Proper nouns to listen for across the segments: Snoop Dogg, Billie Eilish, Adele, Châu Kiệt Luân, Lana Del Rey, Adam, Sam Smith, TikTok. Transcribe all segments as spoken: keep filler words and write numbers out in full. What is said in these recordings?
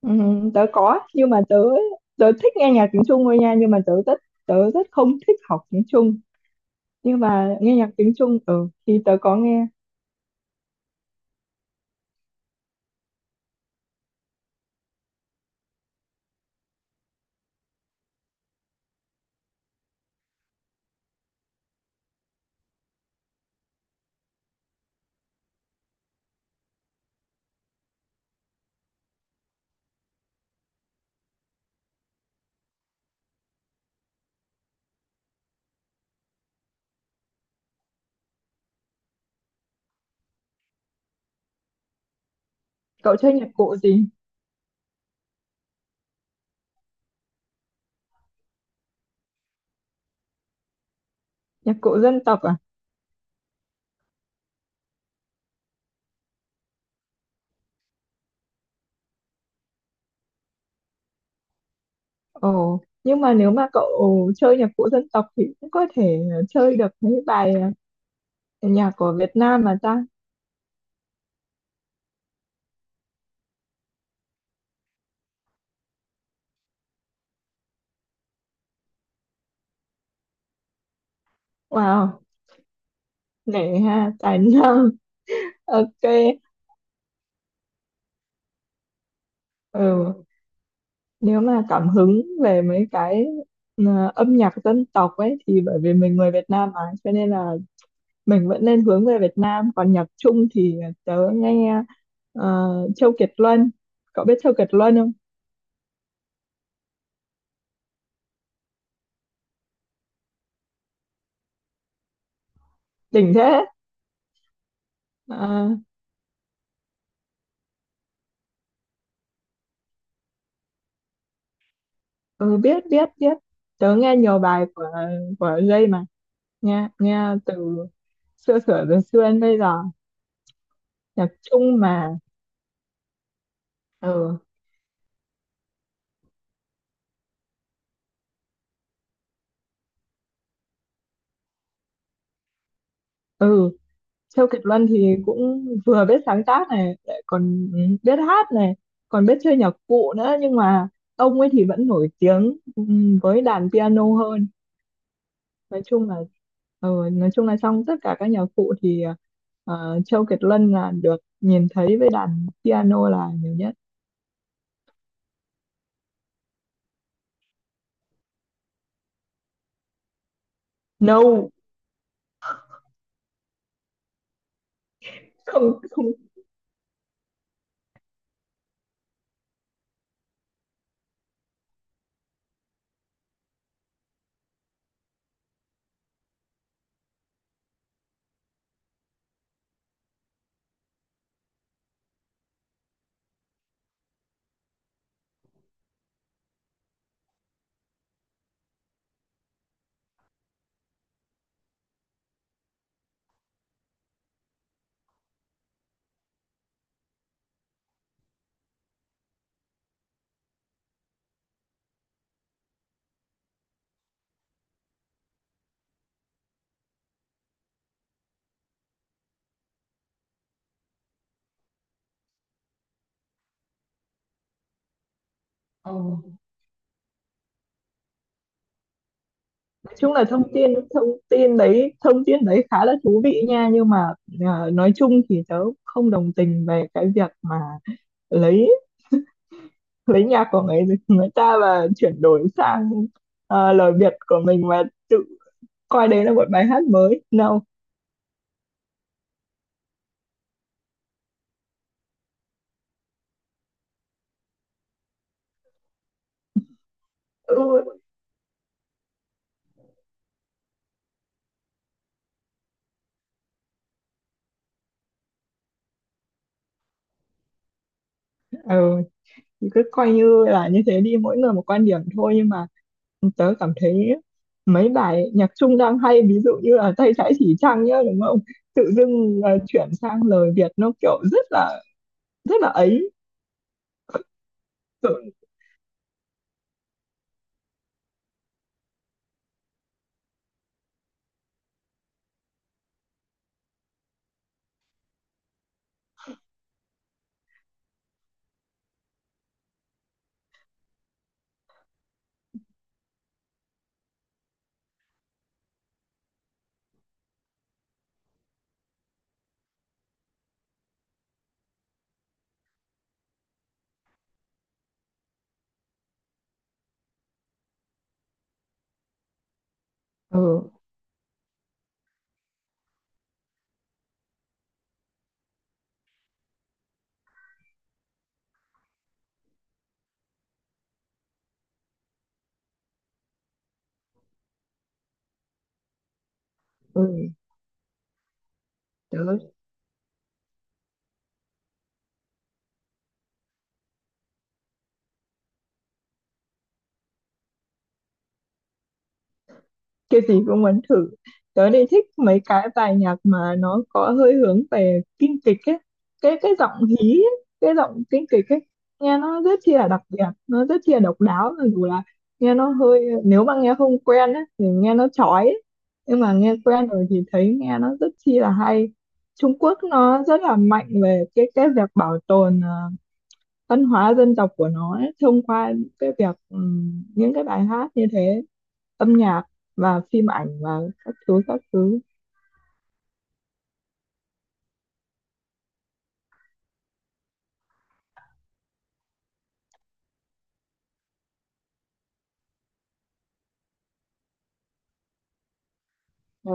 Ừ, tớ có nhưng mà tớ tớ thích nghe nhạc tiếng Trung thôi nha nhưng mà tớ rất tớ rất không thích học tiếng Trung nhưng mà nghe nhạc tiếng Trung ừ thì tớ có nghe. Cậu chơi nhạc cụ gì? Nhạc cụ dân tộc à? Ồ nhưng mà nếu mà cậu chơi nhạc cụ dân tộc thì cũng có thể chơi được mấy bài ờ, nhạc của Việt Nam mà ta. Wow, nể ha, tài năng. Ok, ừ, nếu mà cảm hứng về mấy cái ờ, âm nhạc dân tộc ấy thì bởi vì mình người Việt Nam mà cho nên là mình vẫn nên hướng về Việt Nam, còn nhạc Trung thì tớ nghe ờ, Châu Kiệt Luân. Cậu biết Châu Kiệt Luân không? Đỉnh thế. Ờ, ừ, biết biết biết, tớ nghe nhiều bài của của Jay mà, nghe nghe từ xưa sửa đến xưa đến bây giờ, nhạc Trung mà. Ừ, ừ, Châu Kiệt Luân thì cũng vừa biết sáng tác này, lại còn biết hát này, còn biết chơi nhạc cụ nữa, nhưng mà ông ấy thì vẫn nổi tiếng ừm, với đàn piano hơn. Nói chung là ờ, nói chung là trong tất cả các nhạc cụ thì ờ, Châu Kiệt Luân là được nhìn thấy với đàn piano là nhiều nhất. No, không không. Ồ, nói chung là thông tin thông tin đấy thông tin đấy khá là thú vị nha, nhưng mà ờ, nói chung thì tớ không đồng tình về cái việc mà lấy lấy nhạc của người người ta và chuyển đổi sang ờ, lời Việt của mình và tự coi đấy là một bài hát mới. No. Ừ, thì cứ coi như là như thế đi, mỗi người một quan điểm thôi, nhưng mà tớ cảm thấy mấy bài nhạc Trung đang hay, ví dụ như là tay trái chỉ trăng nhá, đúng không, tự dưng ờ, chuyển sang lời Việt nó kiểu rất là rất là ấy. Ừ, ừ. Ừ. Tớ cái gì cũng muốn thử. Tớ thì thích mấy cái bài nhạc mà nó có hơi hướng về kinh kịch ấy, cái cái giọng hí ấy, cái giọng kinh kịch ấy, nghe nó rất chi là đặc biệt, nó rất chi là độc đáo, mặc dù là nghe nó hơi, nếu mà nghe không quen ấy, thì nghe nó chói ấy. Nhưng mà nghe quen rồi thì thấy nghe nó rất chi là hay. Trung Quốc nó rất là mạnh về cái cái việc bảo tồn ờ, văn hóa dân tộc của nó ấy, thông qua cái việc ừm, những cái bài hát như thế, âm nhạc và phim ảnh và các thứ các thứ. Ừ,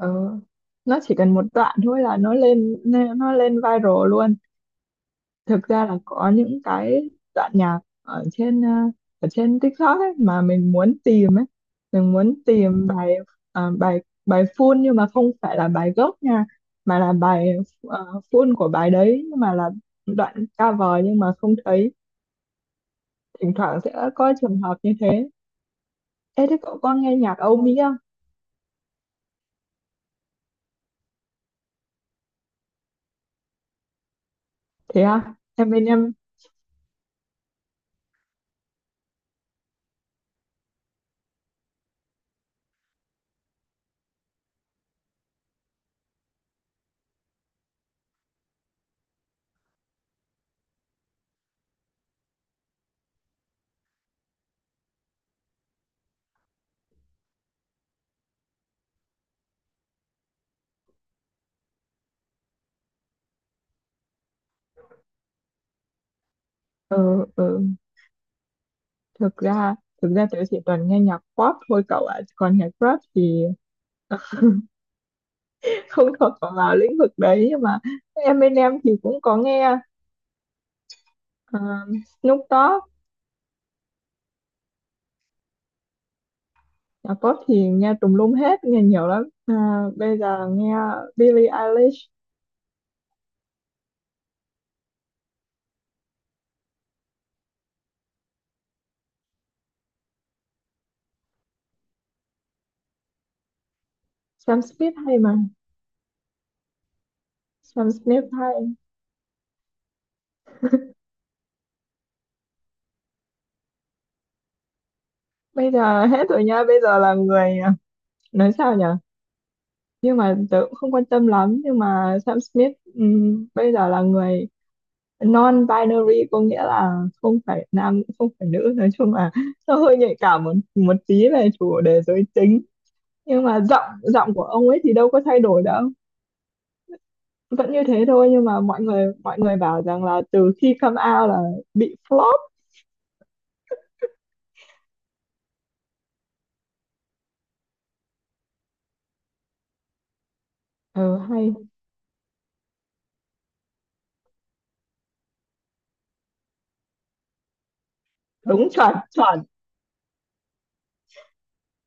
ừ. Nó chỉ cần một đoạn thôi là nó lên lên- nó lên viral luôn. Thực ra là có những cái đoạn nhạc ở trên ờ, ở trên tích tóc ấy mà mình muốn tìm ấy, mình muốn tìm bài ờ, bài bài full, nhưng mà không phải là bài gốc nha, mà là bài uh, full của bài đấy, nhưng mà là đoạn cover, nhưng mà không thấy. Thỉnh thoảng sẽ có trường hợp như thế. Ê, thế cậu có nghe nhạc Âu Mỹ? Thế à, em bên em. Ờ ờ, thực ra, thực ra tớ chỉ toàn nghe nhạc pop thôi cậu ạ, còn nhạc rap thì tớ không thuộc vào lĩnh vực đấy, nhưng mà em bên em thì cũng có nghe ờ, Snoop Dogg. Nhạc pop thì nghe tùm lum hết, nghe nhiều lắm. À, bây giờ nghe Billie Eilish. Sam Smith hay mà. Sam Smith hay. Bây giờ hết rồi nha, bây giờ là người ờ, nói sao nhỉ, nhưng mà tớ cũng không quan tâm lắm, nhưng mà Sam Smith ừm, bây giờ là người non binary, có nghĩa là không phải nam cũng không phải nữ, nói chung là nó hơi nhạy cảm một một tí về chủ đề giới tính, nhưng mà giọng giọng của ông ấy thì đâu có thay đổi đâu, vẫn như thế thôi, nhưng mà mọi người mọi người bảo rằng là từ khi come out là bị flop. Ừ, hay. Đúng, chuẩn chuẩn.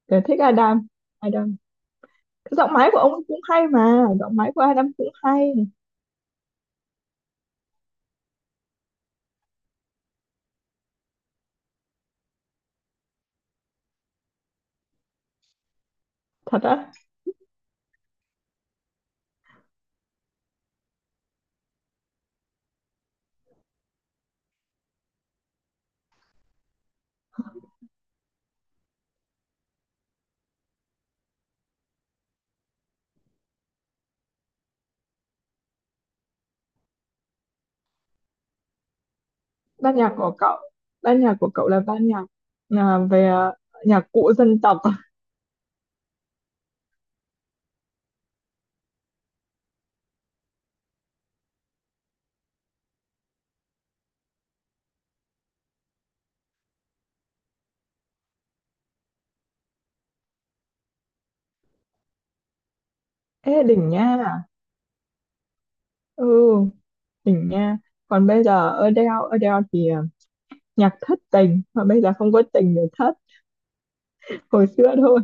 Tớ thích Adam. Adam giọng máy của ông ấy cũng hay mà, giọng máy của Adam cũng hay. Thật á? Ban nhạc của cậu, ban nhạc của cậu là ban nhạc à, về à, nhạc cụ dân tộc? Ê đỉnh nha, ừ, đỉnh nha. Còn bây giờ Adele, Adele thì ờ, nhạc thất tình mà bây giờ không có tình để thất, hồi xưa thôi.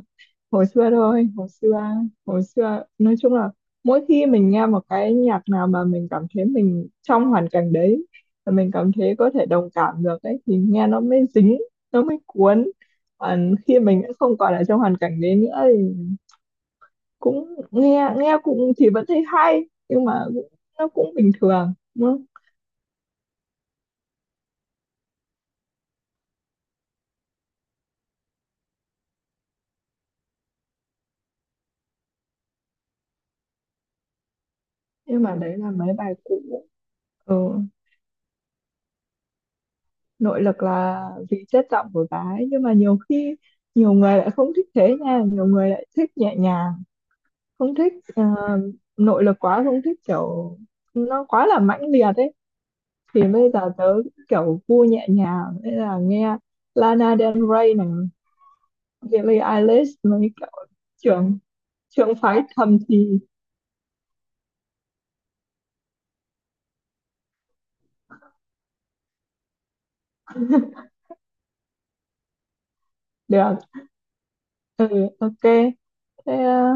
Hồi xưa thôi, hồi xưa, hồi xưa, nói chung là mỗi khi mình nghe một cái nhạc nào mà mình cảm thấy mình trong hoàn cảnh đấy và mình cảm thấy có thể đồng cảm được ấy, thì nghe nó mới dính, nó mới cuốn. Còn khi mình đã không còn ở trong hoàn cảnh đấy nữa thì cũng nghe, nghe cũng thì vẫn thấy hay nhưng mà cũng, nó cũng bình thường. Nhưng mà đấy là mấy bài cũ. Ừ, nội lực là vì chất giọng của bà ấy, nhưng mà nhiều khi nhiều người lại không thích thế nha, nhiều người lại thích nhẹ nhàng, không thích ờ, nội lực quá, không thích kiểu nó quá là mãnh liệt ấy. Thì bây giờ tớ kiểu gu nhẹ nhàng nên là nghe Lana Del Rey này, Billie Eilish mấy kiểu, trưởng, trưởng phái thầm thì. Được, ừ, ok, thế ờ,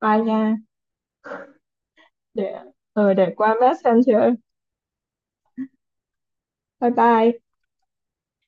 bye nha. Để ờ, để qua mét sần giơ. Bye bye.